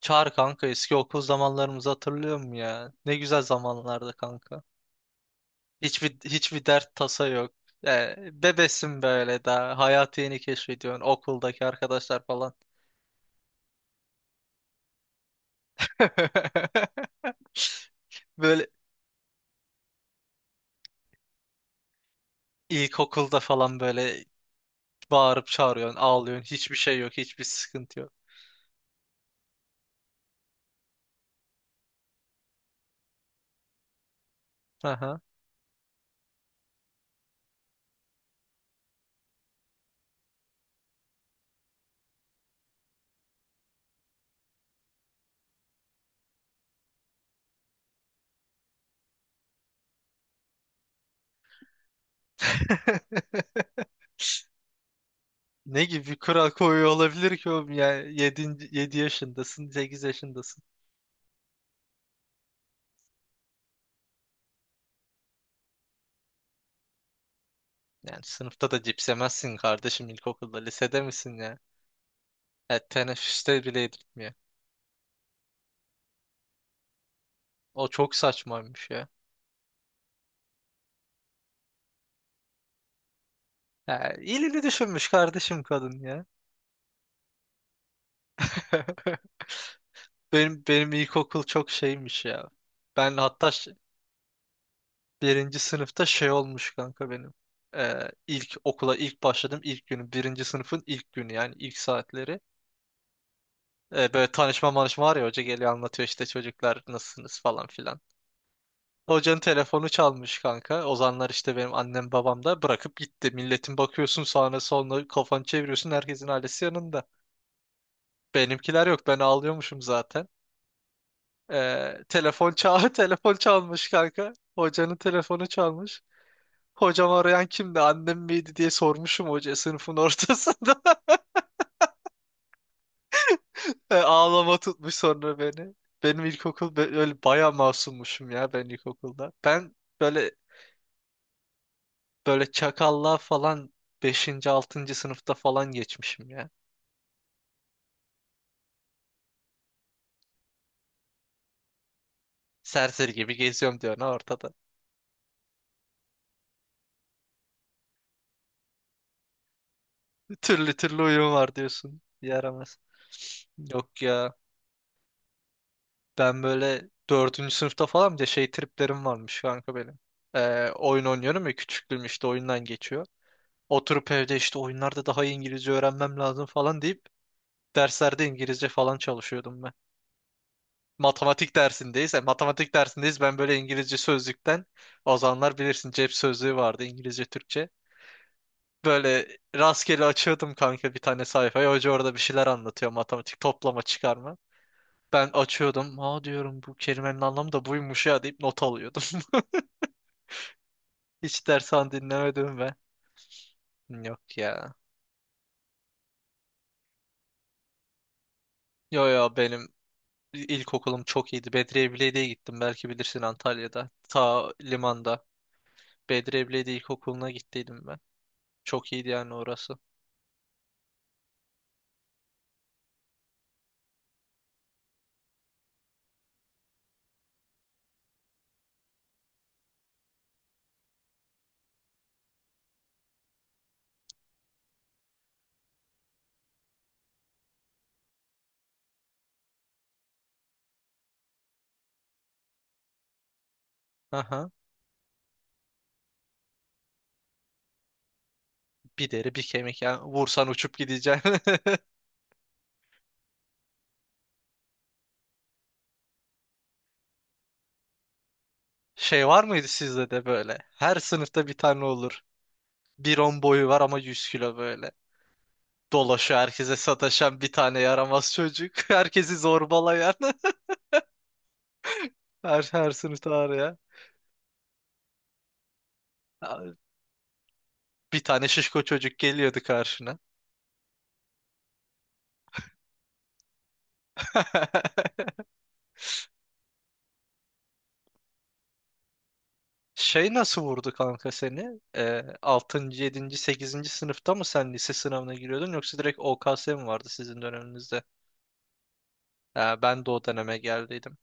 Çağır kanka, eski okul zamanlarımızı hatırlıyor musun ya? Ne güzel zamanlardı kanka. Hiçbir dert tasa yok. Ee, Bebesin böyle, daha hayatı yeni keşfediyorsun, okuldaki arkadaşlar falan. Böyle ilkokulda falan böyle bağırıp çağırıyorsun, ağlıyorsun. Hiçbir şey yok, hiçbir sıkıntı yok. Aha. Ne gibi bir kural koyuyor olabilir ki oğlum ya? Yedi 7 yaşındasın, 8 yaşındasın. Yani sınıfta da cips yemezsin kardeşim ilkokulda. Lisede misin? Ya teneffüste bile yedirtmiyor. O çok saçmaymış ya. Ya iyiliğini düşünmüş kardeşim kadın ya. Benim ilkokul çok şeymiş ya. Ben hatta birinci sınıfta şey olmuş kanka benim. İlk okula ilk başladım, ilk günü. Birinci sınıfın ilk günü, yani ilk saatleri. Böyle tanışma manışma var ya, hoca geliyor anlatıyor işte, çocuklar nasılsınız falan filan. Hocanın telefonu çalmış kanka. Ozanlar işte, benim annem babam da bırakıp gitti. Milletin bakıyorsun sağına soluna, kafanı çeviriyorsun, herkesin ailesi yanında. Benimkiler yok, ben ağlıyormuşum zaten. Telefon çal telefon çalmış kanka. Hocanın telefonu çalmış. Hocam, arayan kimdi, annem miydi diye sormuşum hoca sınıfın ortasında. Ağlama tutmuş sonra beni. Benim ilkokul öyle bayağı masummuşum ya ben ilkokulda. Ben böyle böyle çakallığa falan beşinci 6. sınıfta falan geçmişim ya. Serseri gibi geziyorum diyorsun ha, ortada. Türlü türlü uyum var diyorsun. Yaramaz. Yok ya. Ben böyle dördüncü sınıfta falan bir de şey triplerim varmış kanka benim. Oyun oynuyorum ya, küçüklüğüm işte oyundan geçiyor. Oturup evde işte, oyunlarda daha iyi İngilizce öğrenmem lazım falan deyip derslerde İngilizce falan çalışıyordum, matematik dersindeyiz. Yani matematik dersindeyiz. Ben böyle İngilizce sözlükten, o zamanlar bilirsin cep sözlüğü vardı, İngilizce Türkçe. Böyle rastgele açıyordum kanka bir tane sayfayı. Hoca orada bir şeyler anlatıyor, matematik, toplama çıkarma. Ben açıyordum. Aa diyorum, bu kelimenin anlamı da buymuş ya deyip not alıyordum. Hiç dershane dinlemedim ve yok ya. Yo, yo, benim ilkokulum çok iyiydi. Bedriye Bilediği'ye gittim, belki bilirsin, Antalya'da. Ta limanda. Bedriye Bilediği İlkokulu'na gittiydim ben. Çok iyiydi yani orası. Aha. Bir deri bir kemik ya. Vursan uçup gideceksin. Şey var mıydı sizde de böyle? Her sınıfta bir tane olur. Bir on boyu var ama 100 kilo böyle. Dolaşıyor, herkese sataşan bir tane yaramaz çocuk. Herkesi zorbalayan. Her sınıfta var ya. Bir tane şişko çocuk geliyordu karşına. Şey, nasıl vurdu kanka seni? 6. 7. 8. sınıfta mı sen lise sınavına giriyordun, yoksa direkt OKS mi vardı sizin döneminizde? Ben de o döneme geldiydim.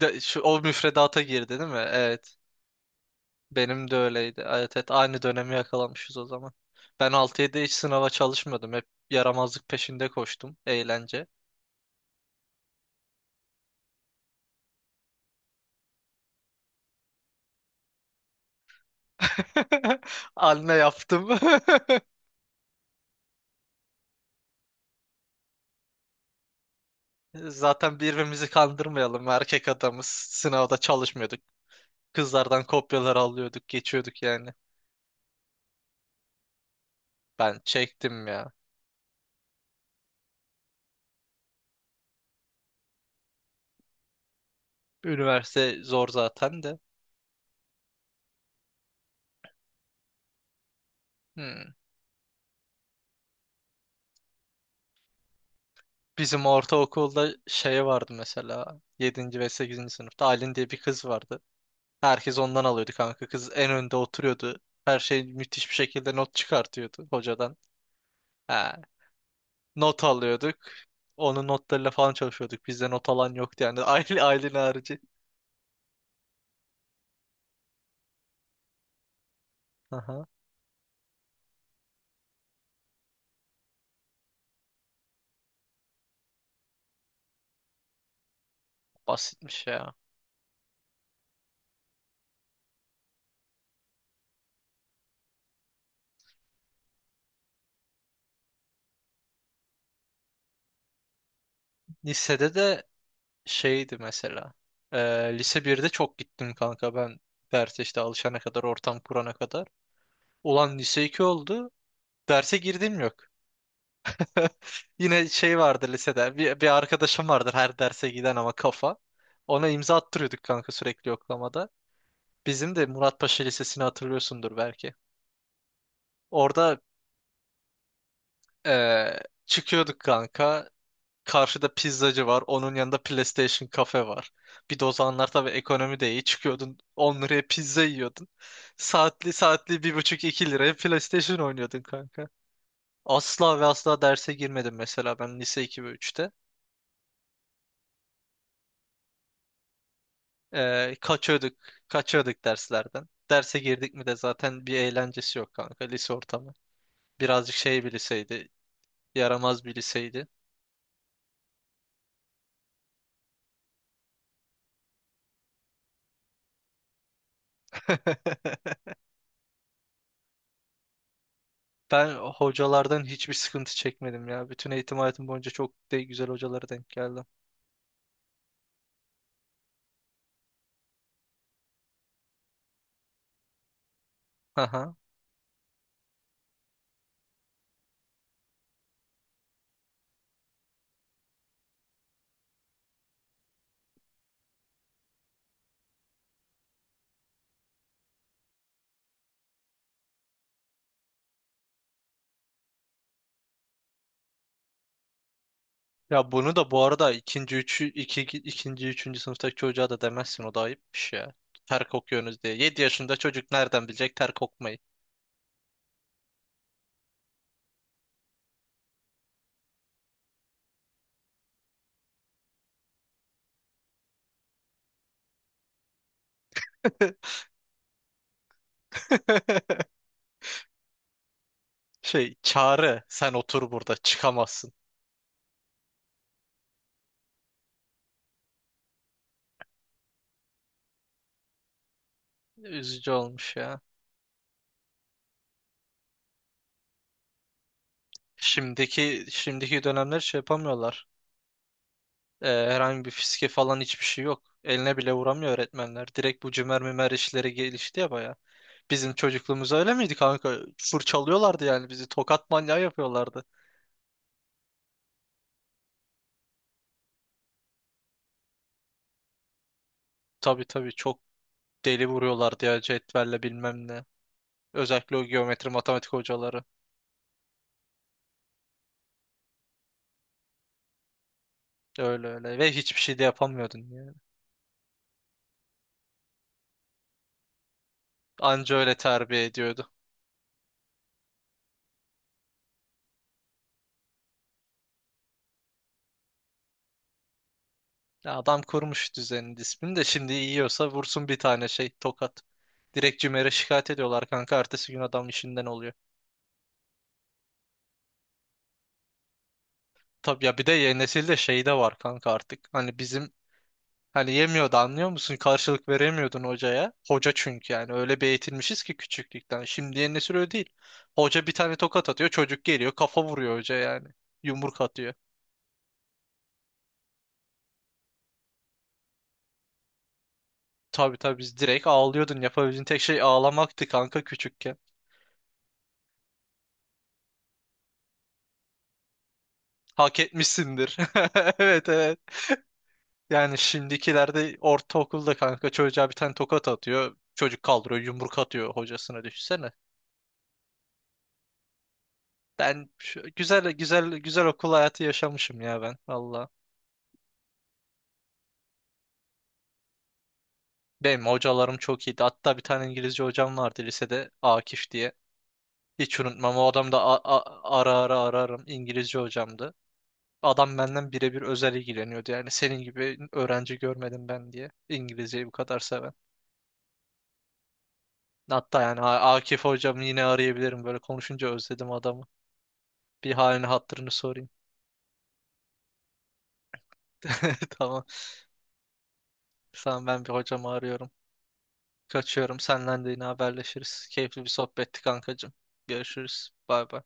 O müfredata girdi değil mi? Evet. Benim de öyleydi. Evet, evet, aynı dönemi yakalamışız o zaman. Ben 6-7 hiç sınava çalışmadım. Hep yaramazlık peşinde koştum. Eğlence. Anne yaptım. Zaten birbirimizi kandırmayalım. Erkek adamız. Sınavda çalışmıyorduk. Kızlardan kopyalar alıyorduk. Geçiyorduk yani. Ben çektim ya. Üniversite zor zaten de. Hmm. Bizim ortaokulda şey vardı mesela. Yedinci ve sekizinci sınıfta Aylin diye bir kız vardı. Herkes ondan alıyordu kanka. Kız en önde oturuyordu. Her şey müthiş bir şekilde not çıkartıyordu hocadan. Ha, not alıyorduk. Onun notlarıyla falan çalışıyorduk. Bizde not alan yoktu yani. Ailen harici. Aha, basitmiş ya. Lisede de şeydi mesela. Ee, Lise birde çok gittim kanka ben. Derse işte alışana kadar, ortam kurana kadar. Ulan lise 2 oldu. Derse girdim yok. Yine şey vardı lisede. Bir arkadaşım vardır her derse giden ama kafa. Ona imza attırıyorduk kanka sürekli yoklamada. Bizim de Muratpaşa Lisesi'ni hatırlıyorsundur belki. Orada eee, çıkıyorduk kanka. Karşıda pizzacı var. Onun yanında PlayStation kafe var. Bir de o zamanlar tabii ekonomi de iyi. Çıkıyordun 10 liraya pizza yiyordun. Saatli bir buçuk iki liraya PlayStation oynuyordun kanka. Asla ve asla derse girmedim mesela ben, lise 2 ve üçte. Ee, kaçıyorduk, Kaçıyorduk derslerden. Derse girdik mi de zaten bir eğlencesi yok kanka lise ortamı. Birazcık şey bir liseydi, yaramaz bir liseydi. Ben hocalardan hiçbir sıkıntı çekmedim ya. Bütün eğitim hayatım boyunca çok de güzel hocalara denk geldim. Aha. Ya bunu da bu arada ikinci, üçü, iki, ikinci, üçüncü sınıftaki çocuğa da demezsin, o da ayıpmış ya. Ter kokuyorsunuz diye. 7 yaşında çocuk nereden bilecek ter kokmayı? Şey, Çağrı sen otur burada, çıkamazsın. Üzücü olmuş ya. Şimdiki dönemler şey yapamıyorlar. Herhangi bir fiske falan, hiçbir şey yok. Eline bile vuramıyor öğretmenler. Direkt bu cümer mümer işleri gelişti ya baya. Bizim çocukluğumuz öyle miydi kanka? Fırçalıyorlardı yani bizi. Tokat manyağı yapıyorlardı. Tabii, tabii, çok deli vuruyorlardı ya cetvelle bilmem ne. Özellikle o geometri matematik hocaları. Öyle öyle. Ve hiçbir şey de yapamıyordun yani. Anca öyle terbiye ediyordu. Ya, adam kurmuş düzenini, disiplini de, şimdi yiyorsa vursun bir tane şey tokat. Direkt CİMER'e şikayet ediyorlar kanka. Ertesi gün adam işinden oluyor. Tabii ya, bir de yeni nesilde şey de var kanka artık. Hani bizim, hani yemiyordu, anlıyor musun? Karşılık veremiyordun hocaya. Hoca çünkü, yani öyle bir eğitilmişiz ki küçüklükten. Şimdi yeni nesil öyle değil. Hoca bir tane tokat atıyor, çocuk geliyor kafa vuruyor hoca yani. Yumruk atıyor. Tabii, tabii, biz direkt ağlıyordun. Yapabildiğin tek şey ağlamaktı kanka küçükken. Hak etmişsindir. Evet, evet. Yani şimdikilerde ortaokulda kanka, çocuğa bir tane tokat atıyor. Çocuk kaldırıyor, yumruk atıyor hocasına, düşünsene. Ben güzel güzel güzel okul hayatı yaşamışım ya ben valla. Benim hocalarım çok iyiydi. Hatta bir tane İngilizce hocam vardı lisede, Akif diye. Hiç unutmam. O adam da ara ara ararım, İngilizce hocamdı. Adam benden birebir özel ilgileniyordu. Yani senin gibi öğrenci görmedim ben diye. İngilizceyi bu kadar seven. Hatta yani Akif hocam yine arayabilirim. Böyle konuşunca özledim adamı. Bir halini hatırını sorayım. Tamam. Sen, ben bir hocamı arıyorum. Kaçıyorum. Senden de yine haberleşiriz. Keyifli bir sohbetti kankacığım. Görüşürüz. Bay bay.